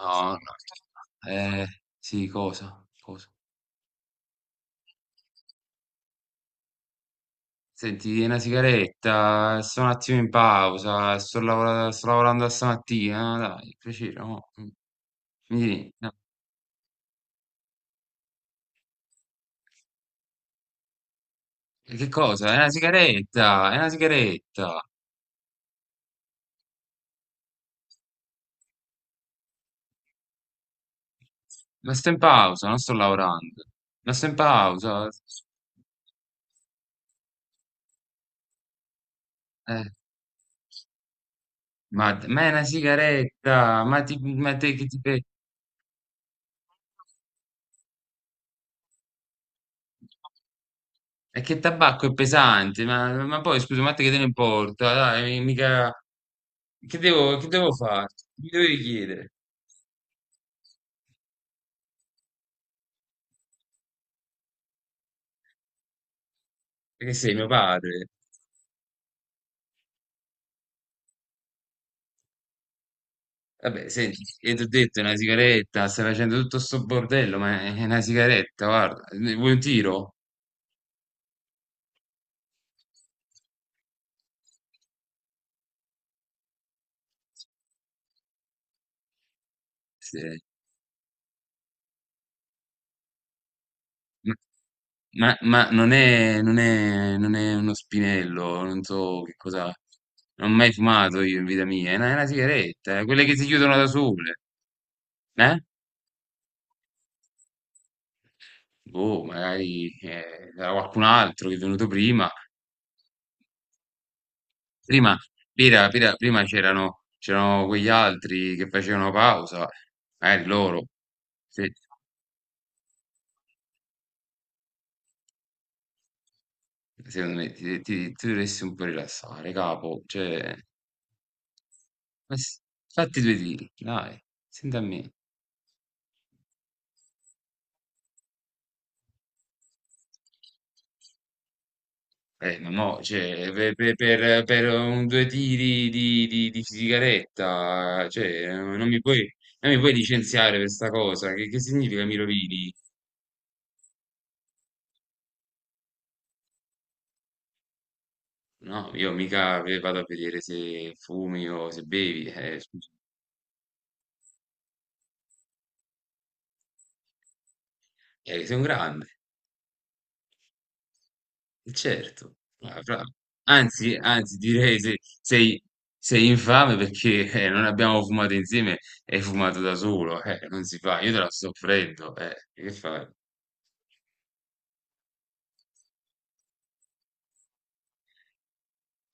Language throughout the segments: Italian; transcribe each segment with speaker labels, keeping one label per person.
Speaker 1: No, no. No. Sì, cosa? Cosa? Senti, una sigaretta, sto un attimo in pausa, sto lavorando a stamattina, dai, piacere, no? Quindi, no. E che cosa? È una sigaretta, ma sto in pausa, non sto lavorando, ma sto in pausa, eh, ma è una sigaretta, ma, ti, ma te, che ti. E che tabacco è pesante, ma poi scusa, ma a te che te ne importa? Dai, mica... Che devo fare? Mi dovevi chiedere, perché sei mio padre. Vabbè, senti, e ti ho detto è una sigaretta, stai facendo tutto sto bordello, ma è una sigaretta, guarda, vuoi un tiro? Sì. Ma non è uno spinello, non so che cosa... Non ho mai fumato io in vita mia, è una sigaretta, quelle che si chiudono da sole, eh? Boh, magari era qualcun altro che è venuto prima. Prima, prima c'erano quegli altri che facevano pausa, magari loro. Se, secondo me ti dovresti un po' rilassare, capo. Cioè, ma s- fatti due tiri, dai, senti a me. Ma no, cioè, per un due tiri di sigaretta, cioè, non mi puoi licenziare per sta cosa. Che significa mi rovini? No, io mica vado a vedere se fumi o se bevi, scusa, sei un grande, certo. Ah, anzi, direi se sei, sei infame perché non abbiamo fumato insieme e hai fumato da solo, non si fa, io te la sto offrendo, che fai?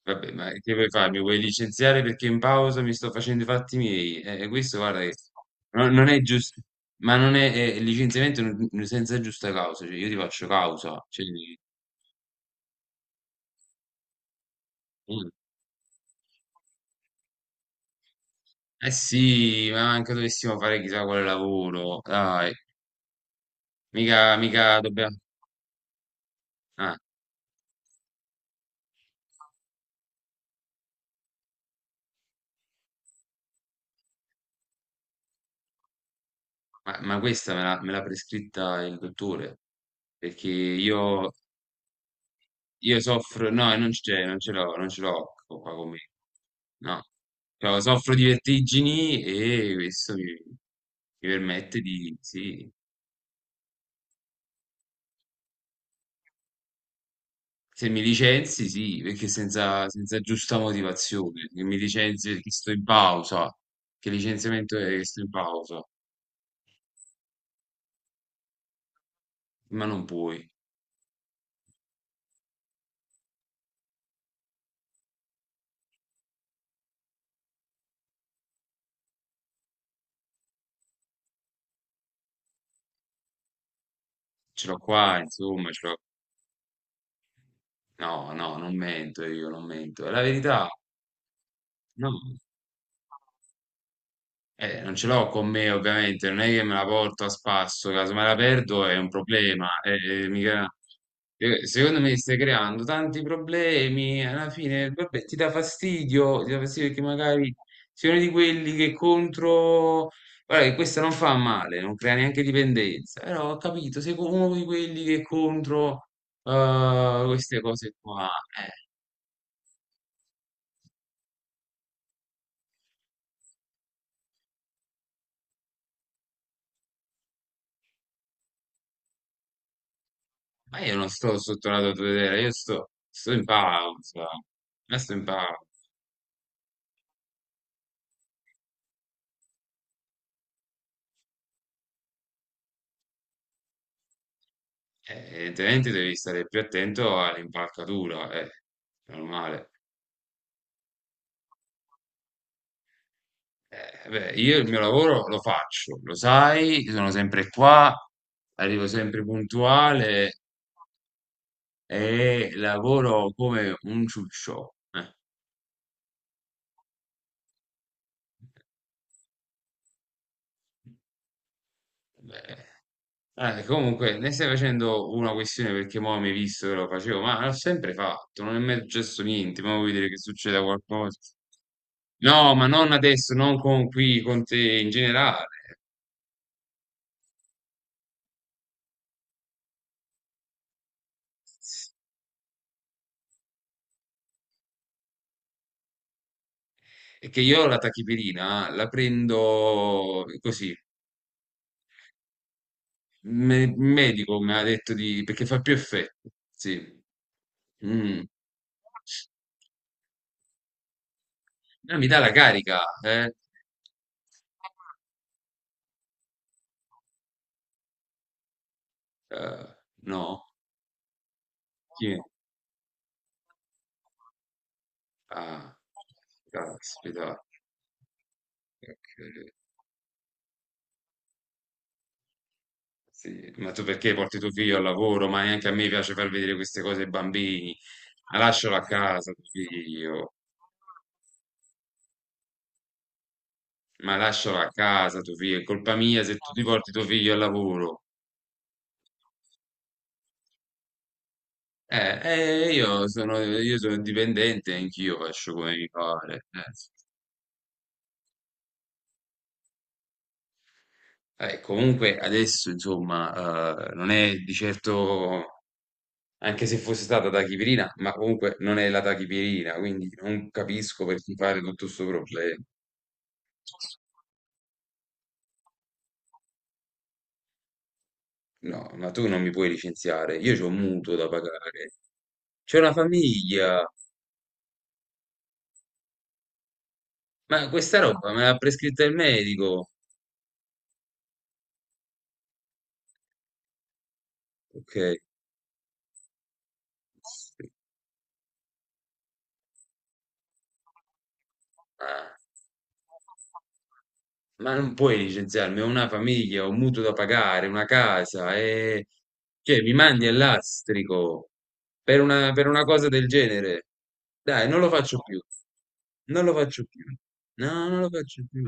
Speaker 1: Vabbè, ma che vuoi fare? Mi vuoi licenziare perché in pausa mi sto facendo i fatti miei? Questo, guarda, che non è giusto, ma non è, il licenziamento senza giusta causa, cioè io ti faccio causa, cioè, eh. Eh sì, ma anche dovessimo fare chissà quale lavoro, dai, mica dobbiamo... Ah, ma questa me l'ha prescritta il dottore, perché io soffro... No, non c'è, non ce l'ho qua con me, no. Cioè, soffro di vertigini e questo mi permette di... Sì, se mi licenzi, sì, perché senza giusta motivazione, che mi licenzi, che sto in pausa, che licenziamento è che sto in pausa. Ma non puoi, ce l'ho qua, insomma, ce l'ho... No, no, non mento io, non mento, è la verità. No. Non ce l'ho con me, ovviamente, non è che me la porto a spasso, caso me la perdo è un problema. Secondo me stai creando tanti problemi, alla fine vabbè, ti dà fastidio perché magari sei uno di quelli che contro... Guarda che questa non fa male, non crea neanche dipendenza, però ho capito, sei uno di quelli che contro queste cose qua. Eh, ma io non sto sotto la tua tutela, io sto in pausa, ma sto in pausa. Evidentemente devi stare più attento all'impalcatura, è normale. Beh, io il mio lavoro lo faccio, lo sai, sono sempre qua, arrivo sempre puntuale e lavoro come un ciuccio. Beh. Comunque, ne stai facendo una questione perché mo' mi hai visto che lo facevo, ma l'ho sempre fatto, non è mai successo niente, ma vuoi vedere che succeda qualcosa? No, ma non adesso, non con qui, con te in generale. È che io la tachipirina la prendo così, il medico mi ha detto di, perché fa più effetto, sì. Mm. No, mi dà la carica, eh? Eh, no? Chi è? Ah, caspita. Ok, sì. Ma tu perché porti tuo figlio al lavoro? Ma neanche a me piace far vedere queste cose ai bambini. Ma lascialo a casa, tuo figlio. Ma lascialo a casa tuo figlio, è colpa mia se tu ti porti tuo figlio al lavoro. Eh, io sono dipendente, anch'io faccio come mi pare. Comunque adesso, insomma, non è di certo, anche se fosse stata tachipirina, ma comunque non è la tachipirina, quindi non capisco perché fare tutto questo problema. No, ma tu non mi puoi licenziare, io c'ho un mutuo da pagare, c'è una famiglia, ma questa roba me l'ha prescritta il medico. Ok. Sì. Eh, ma non puoi licenziarmi, ho una famiglia, ho un mutuo da pagare, una casa, e... cioè mi mandi all'astrico per una cosa del genere. Dai, non lo faccio più, non lo faccio più, no, non lo faccio più.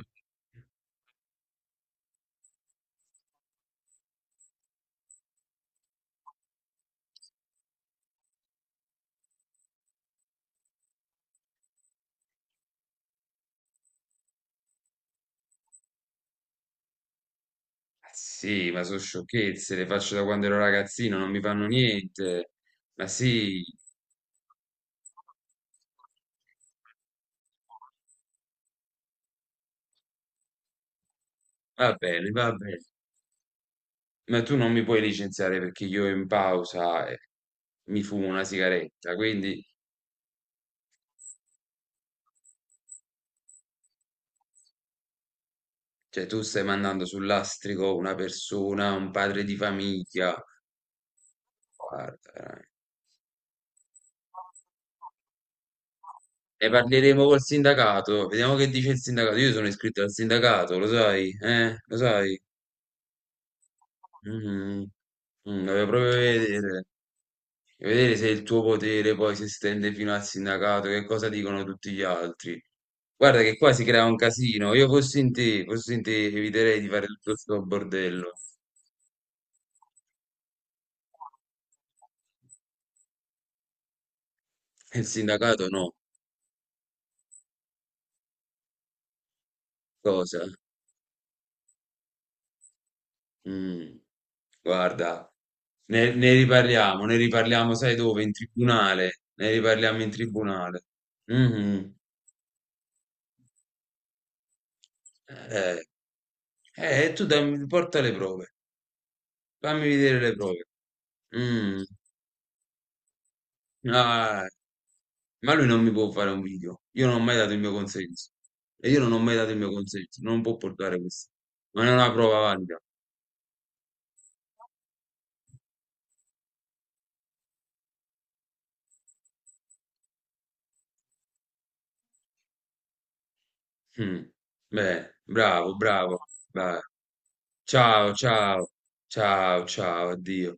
Speaker 1: Ah, sì, ma sono sciocchezze, le faccio da quando ero ragazzino, non mi fanno niente. Ma sì, va bene, va bene. Ma tu non mi puoi licenziare perché io in pausa mi fumo una sigaretta, quindi cioè, tu stai mandando sul lastrico una persona, un padre di famiglia. Guarda, veramente. Ne parleremo col sindacato, vediamo che dice il sindacato. Io sono iscritto al sindacato, lo sai, eh? Lo sai? Mm, dovevo proprio vedere. E vedere se il tuo potere poi si estende fino al sindacato, che cosa dicono tutti gli altri. Guarda che qua si crea un casino. Io fossi in te, eviterei di fare tutto sto bordello. E il sindacato no. Cosa? Mm, guarda, ne riparliamo, sai dove? In tribunale. Ne riparliamo in tribunale. Mhm. Eh, tu dammi, porta le prove. Fammi vedere le prove. Mm. Ah, ma lui non mi può fare un video. Io non ho mai dato il mio consenso. E io non ho mai dato il mio consenso. Non può portare questo. Non è una prova valida. Mm. Beh, bravo, bravo. Vai. Ciao, ciao. Ciao, ciao, addio.